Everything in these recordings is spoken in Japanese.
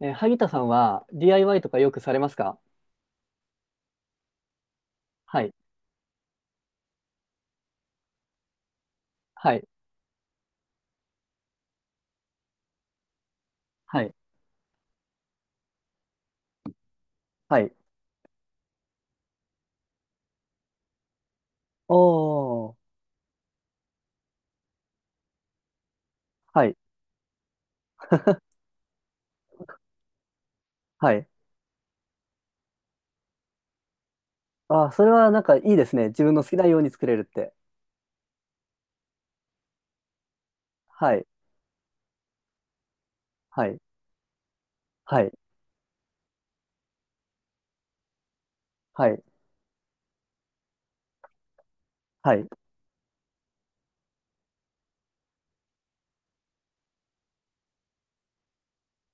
萩田さんは DIY とかよくされますか？はい。はい。はい。はい。おー。はい。はい。あー、それはなんかいいですね。自分の好きなように作れるって。はい。はい。はい。はい。はい。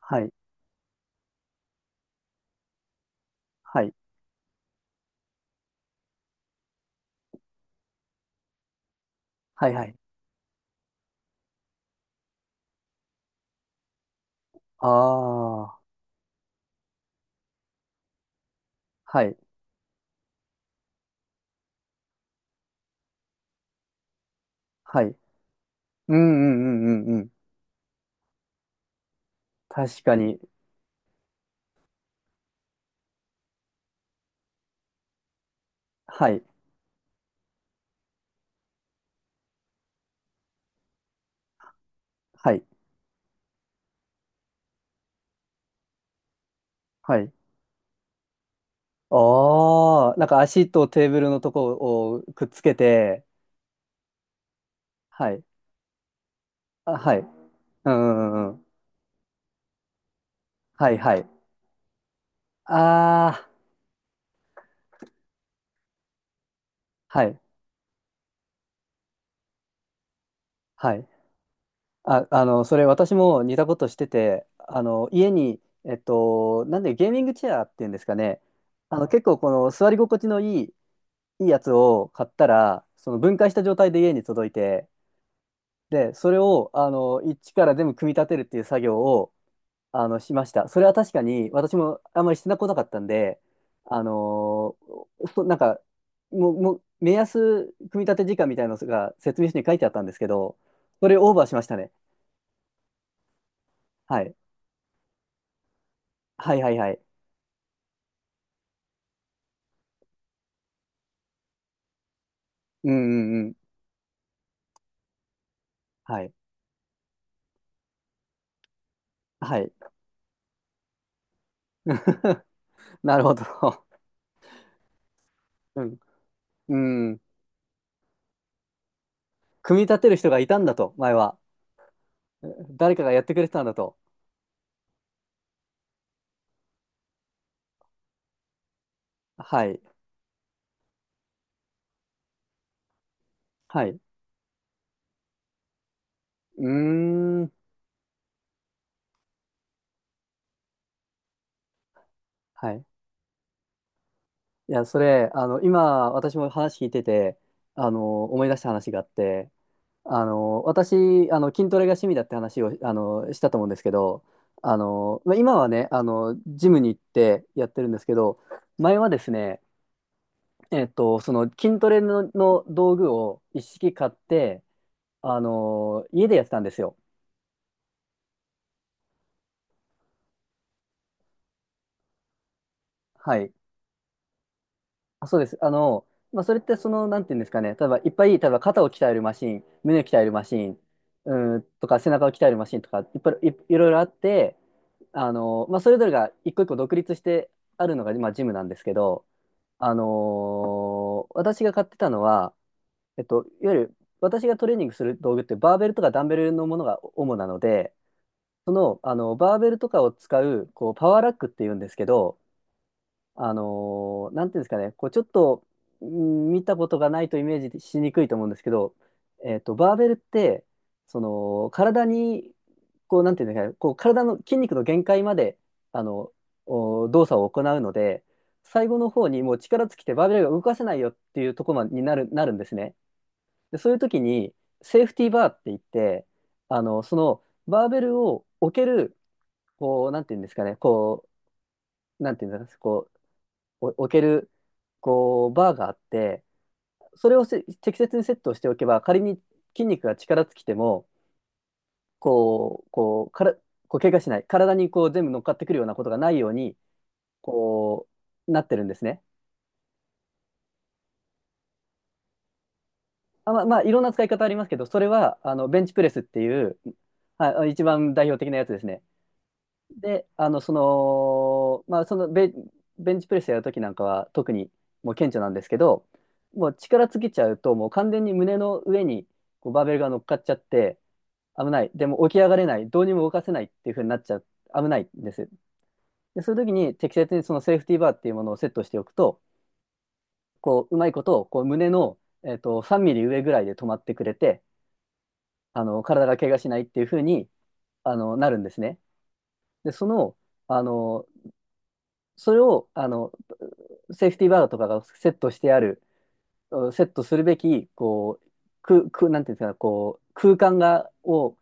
はい。はい。はい。はい。ああ。はい。はい。うんうんうんうんうん。確かに。はい。はい。はい。ああ。なんか足とテーブルのとこをくっつけて。はい。あ、はい。うんうんうんうん。はいはい。ああ、はい、はい。あ、それ私も似たことしてて、家に、なんでゲーミングチェアっていうんですかね、結構この座り心地のいい、いいやつを買ったら、その分解した状態で家に届いて、で、それを、一から全部組み立てるっていう作業を、しました。それは確かに、私もあんまりしてなこなかったんで、あのーそなんか、もう、目安組み立て時間みたいなのが説明書に書いてあったんですけど、それオーバーしましたね。はい。はいはいはい。うんうんうん。はい。はい。なるほど。うん。うん。組み立てる人がいたんだと、前は。誰かがやってくれてたんだと。はい。はい。うーん。はい。いや、それ、今、私も話聞いてて、思い出した話があって、私、筋トレが趣味だって話を、したと思うんですけど、まあ、今はね、ジムに行ってやってるんですけど、前はですね、その筋トレの道具を一式買って、家でやってたんですよ。はい。あ、そうです。まあ、それってなんていうんですかね、例えばいっぱい、例えば肩を鍛えるマシン、胸を鍛えるマシン、とか背中を鍛えるマシンとか、いっぱいい、いろいろあって、まあ、それぞれが一個一個独立してあるのが、まあ、ジムなんですけど、あのー私が買ってたのは、いわゆる私がトレーニングする道具ってバーベルとかダンベルのものが主なので、あのバーベルとかを使う、こうパワーラックっていうんですけど、なんていうんですかね、こうちょっとうん見たことがないとイメージしにくいと思うんですけど、バーベルって、体に、こう、なんていうんですかね、こう、体の筋肉の限界まで、あの、お動作を行うので、最後の方にもう力尽きてバーベルが動かせないよっていうところまでになるんですね。で、そういう時に、セーフティーバーって言って、バーベルを置ける、こう、なんていうんですかね、こう、なんていうんですかね、こう、お置ける、こう、バーがあって、それを適切にセットをしておけば、仮に筋肉が力尽きても、こう、から、こう、怪我しない、体にこう、全部乗っかってくるようなことがないように、こう、なってるんですね。あ、まあ、いろんな使い方ありますけど、それは、ベンチプレスっていう、はい、一番代表的なやつですね。で、まあ、ベンチプレスやるときなんかは特にもう顕著なんですけど、もう力尽きちゃうと、もう完全に胸の上にこうバーベルが乗っかっちゃって、危ない。でも起き上がれない。どうにも動かせないっていう風になっちゃう。危ないんです。で、そういう時に適切にそのセーフティーバーっていうものをセットしておくと、こう、うまいことをこう胸の、3ミリ上ぐらいで止まってくれて、体が怪我しないっていう風に、なるんですね。で、あの、それを、セーフティーバーとかがセットしてある、うんセットするべき、こう、なんていうんですか、こう、空間が、を、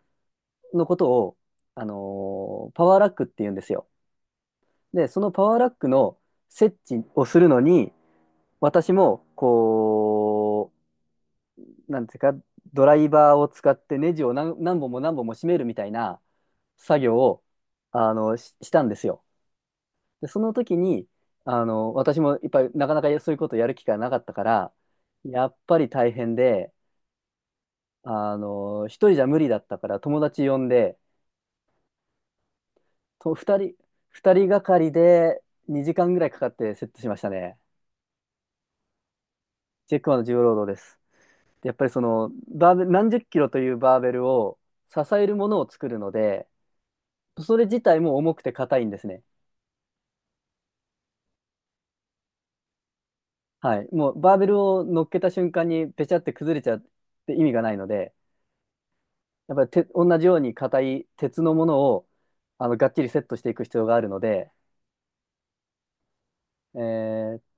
のことを、パワーラックって言うんですよ。で、そのパワーラックの設置をするのに、私も、こう、なんていうか、ドライバーを使ってネジを何本も何本も締めるみたいな作業を、ししたんですよ。で、その時に、私もいっぱいなかなかそういうことやる機会なかったから、やっぱり大変で、一人じゃ無理だったから友達呼んで、と、二人、二人がかりで2時間ぐらいかかってセットしましたね。チェックマンの重労働です。でやっぱりバーベル、何十キロというバーベルを支えるものを作るので、それ自体も重くて硬いんですね。はい。もうバーベルを乗っけた瞬間にペチャって崩れちゃって意味がないので、やっぱりて同じように硬い鉄のものをがっちりセットしていく必要があるので、えー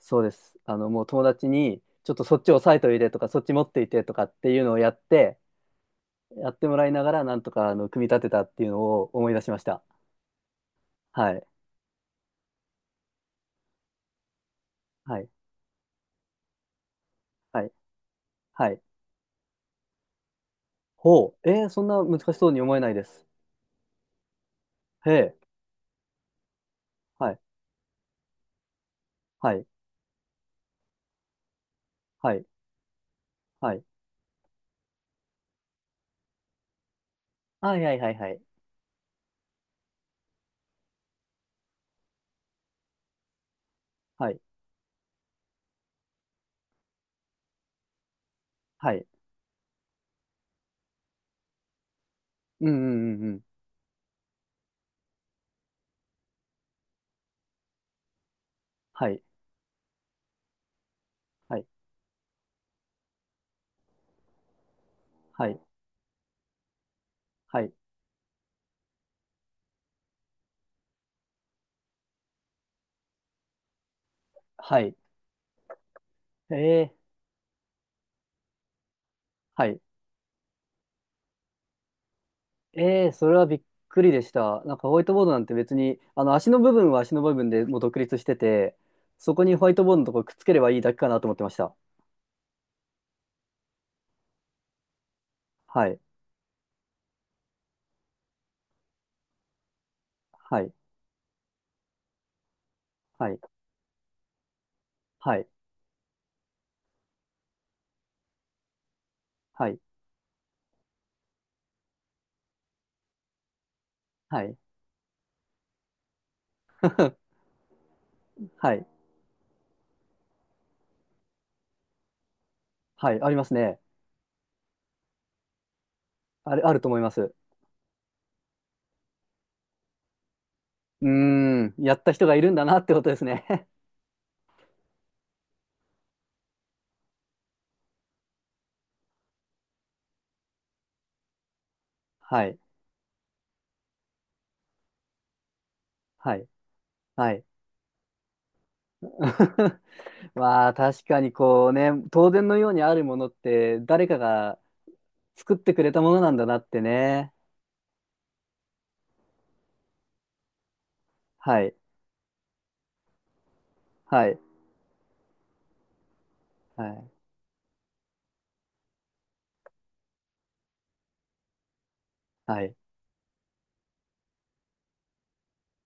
そうです。もう友達にちょっとそっち押さえといてとかそっち持っていてとかっていうのをやってもらいながらなんとか組み立てたっていうのを思い出しました。はい。はい。はい。はい。ほう。そんな難しそうに思えないです。へえ。はい。はい。はい。はい。はい。はい。はい。はい。はい。はい。うんうんうんうん。はい。はい。はい。はい。はい。えー。はい。ええ、それはびっくりでした。なんかホワイトボードなんて別に、あの足の部分は足の部分でもう独立してて、そこにホワイトボードのところくっつければいいだけかなと思ってました。はい、はい、はい、はい、はい、はい、はい、はい、ありますね。あると思います。うーん、やった人がいるんだなってことですね。はい、はい、はい。まあ確かにこうね、当然のようにあるものって誰かが作ってくれたものなんだなってね。はい、はい、はい。はい。